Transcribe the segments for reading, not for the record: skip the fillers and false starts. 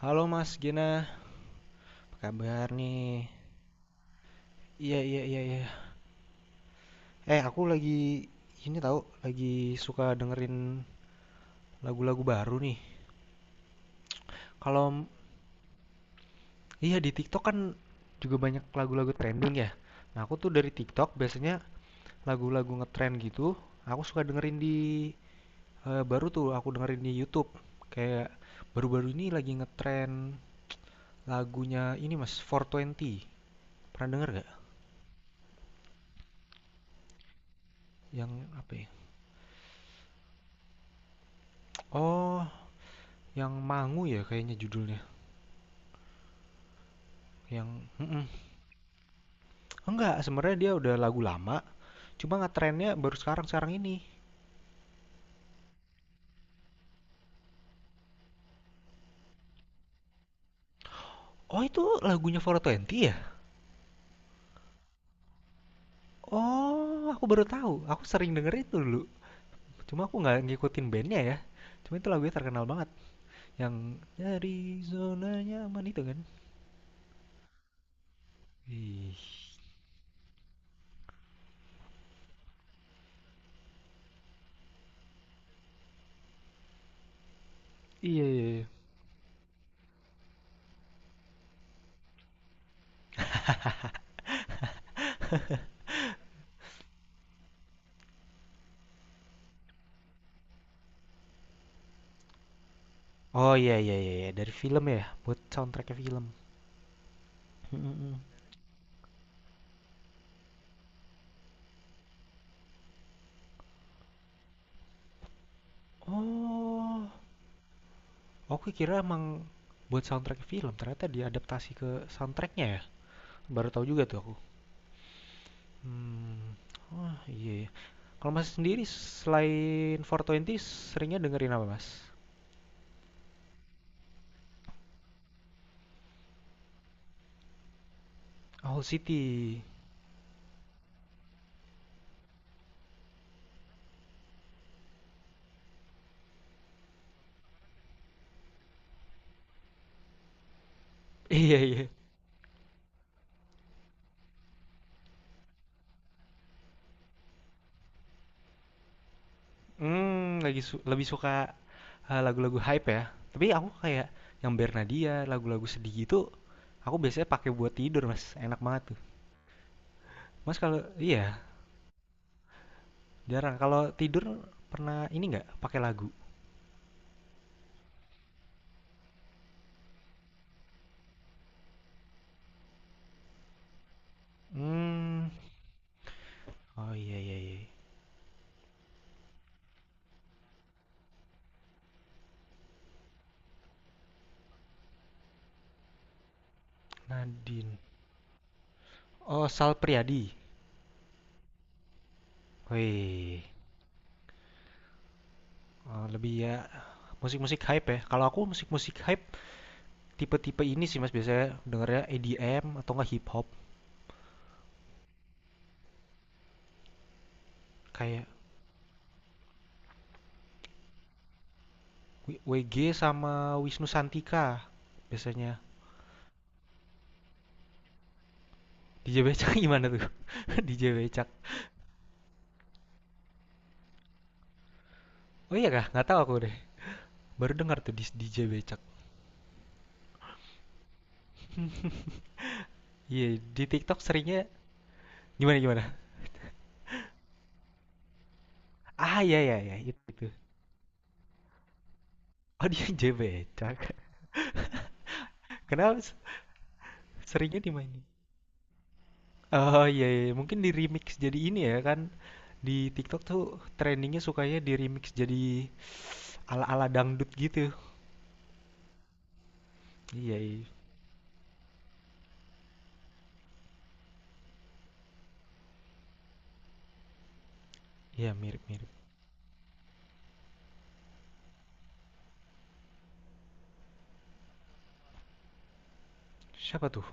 Halo Mas Gena, apa kabar nih? Iya iya iya iya. Aku lagi ini tahu lagi suka dengerin lagu-lagu baru nih. Kalau iya di TikTok kan juga banyak lagu-lagu trending ya. Nah aku tuh dari TikTok biasanya lagu-lagu ngetrend gitu. Aku suka dengerin baru tuh aku dengerin di YouTube. Kayak baru-baru ini lagi ngetrend lagunya ini Mas 420. Pernah denger gak? Yang apa ya? Oh, yang Mangu ya kayaknya judulnya. Yang mhm. Enggak, sebenarnya dia udah lagu lama, cuma ngetrennya baru sekarang-sekarang ini. Oh, itu lagunya Four Twenty ya? Oh, aku baru tahu. Aku sering denger itu dulu. Cuma aku nggak ngikutin bandnya ya. Cuma itu lagunya terkenal banget. Yang dari zona nyaman itu kan. Ih. Iya, iya, iya. Oh iya iya iya iya. Dari film ya, buat soundtracknya film. Mhm, mhm. Oh, aku kira emang buat soundtrack film ternyata diadaptasi ke soundtracknya ya. Baru tahu juga tuh aku. Mmm, wah, iya ya. Kalau Mas sendiri selain 420 seringnya dengerin apa, Mas? Owl City. Iya iya. Mmm, lagi su lebih suka, lagu-lagu hype ya? Tapi aku kayak yang Bernadia, lagu-lagu sedih gitu, aku biasanya pakai buat tidur, Mas, enak banget tuh. Mas kalau iya, jarang. Kalau tidur pernah ini nggak, pakai lagu? Mmm, oh iya iya iya. Nadine. Oh, Sal Priadi. Wih. Oh, lebih ya musik-musik hype ya. Kalau aku musik-musik hype tipe-tipe ini sih Mas biasanya dengernya EDM atau enggak hip hop kayak WG sama Wisnu Santika biasanya. DJ Becak gimana tuh? DJ Becak. Oh iya kah? Nggak tahu aku deh. Baru dengar tuh di DJ Becak. Iya, yeah, di TikTok seringnya gimana gimana? Ah iya iya iya itu. Itu. Oh DJ Becak. Kenapa seringnya dimainin? Oh, iya iya, iya. Mungkin di-remix jadi ini ya kan, di TikTok tuh trendingnya sukanya di-remix jadi ala-ala dangdut gitu. Iya iya, iya mirip-mirip. Siapa tuh?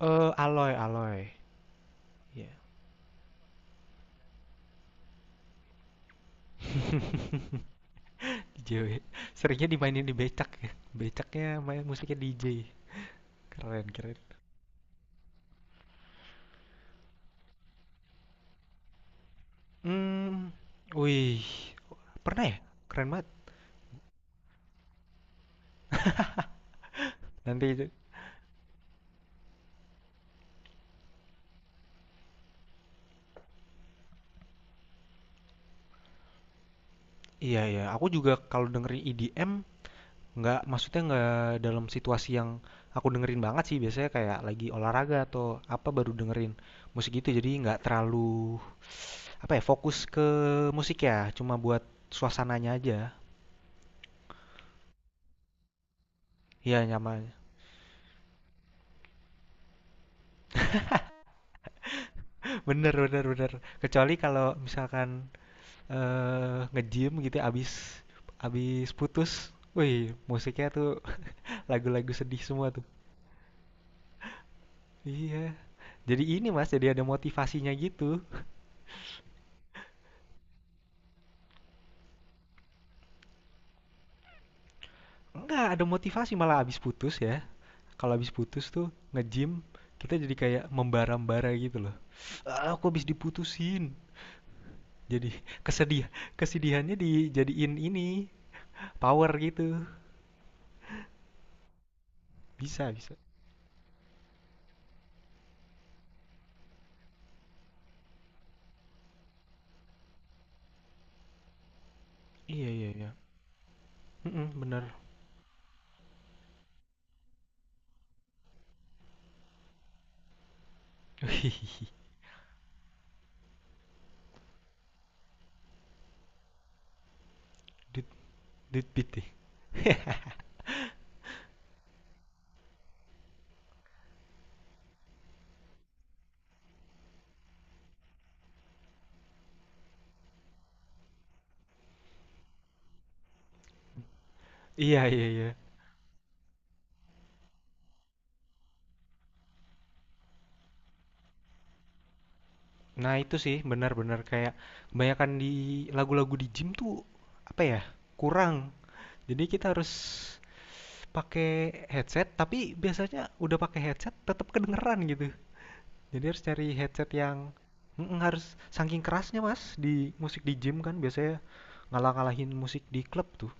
Eh, Aloy Aloy. Iya. DJ. Seringnya dimainin di becak ya. Becaknya main musiknya DJ. Keren keren. Hmm, wih. Pernah ya? Keren banget. Nanti itu. Iya iya, aku juga kalau dengerin EDM. Nggak, maksudnya nggak dalam situasi yang aku dengerin banget sih. Biasanya kayak lagi olahraga atau apa baru dengerin musik itu. Jadi nggak terlalu apa ya fokus ke musik ya. Cuma buat suasananya aja. Iya nyaman. Bener bener bener. Kecuali kalau misalkan nge-gym gitu ya, abis abis putus. Wih, musiknya tuh lagu-lagu sedih semua tuh. Iya. Jadi ini Mas, jadi ada motivasinya gitu. Enggak, ada motivasi malah abis putus ya. Kalau habis putus tuh nge-gym kita jadi kayak membara-bara gitu loh. Ah, aku habis diputusin. Jadi kesedihan, kesedihannya dijadiin ini power gitu. Bisa, bisa. Iya iya iya. Mm-mm, bener. Dude, dude beat deh. Iya, iya, iya. Nah, itu sih benar-benar kayak kebanyakan di lagu-lagu di gym tuh apa ya? Kurang. Jadi kita harus pakai headset, tapi biasanya udah pakai headset tetap kedengeran gitu. Jadi harus cari headset yang Mm-mm, harus saking kerasnya mas di musik di gym kan biasanya ngalah-ngalahin musik di klub tuh.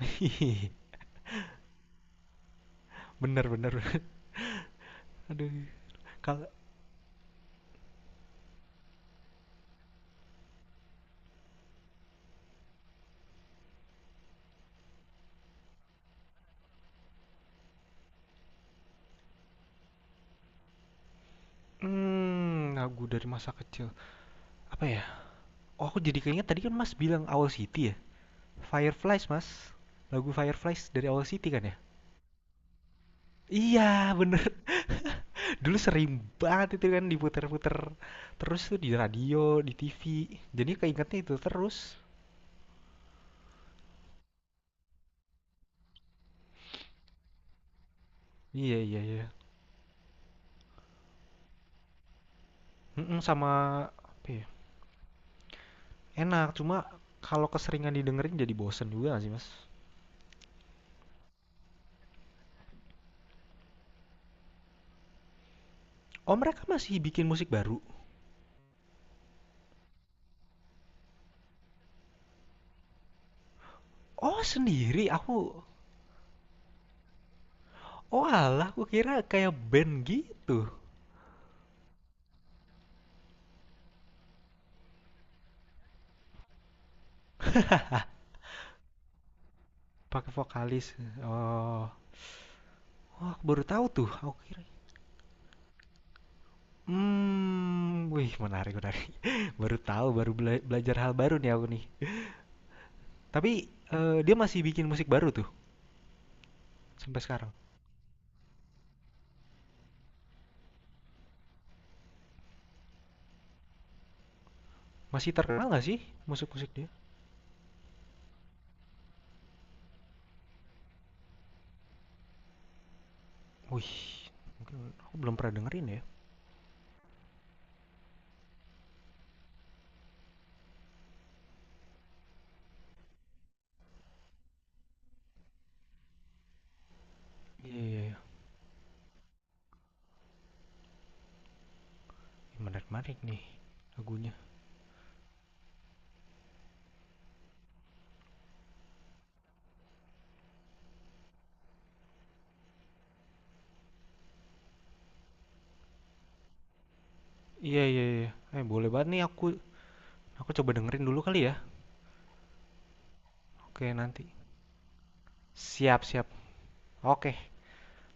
Bener bener. Aduh. Kalau lagu dari masa kecil apa ya? Oh aku jadi keinget tadi kan mas bilang Owl City ya. Fireflies mas. Lagu Fireflies dari Owl City kan ya? Iya bener. Dulu sering banget itu kan diputer-puter terus tuh di radio, di TV. Jadi keingetnya itu terus. Iya iya iya. Mhm, sama apa ya, enak cuma kalau keseringan didengerin jadi bosen juga gak sih Mas? Oh mereka masih bikin musik baru? Oh sendiri aku. Oh oalah aku kira kayak band gitu, pakai vokalis, oh. Oh aku baru tahu tuh aku kira. Hmm. Wih menarik menarik. Baru tahu baru belajar hal baru nih aku nih. Tapi, dia masih bikin musik baru tuh sampai sekarang? Masih terkenal gak sih musik-musik dia? Wih aku belum pernah dengerin ya. Iya iya iya. Menarik-menarik nih lagunya. Iya iya iya. Boleh banget nih aku coba dengerin dulu kali ya. Oke nanti. Siap siap. Oke.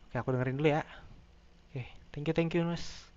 Oke aku dengerin dulu ya. Oke. Thank you Mas.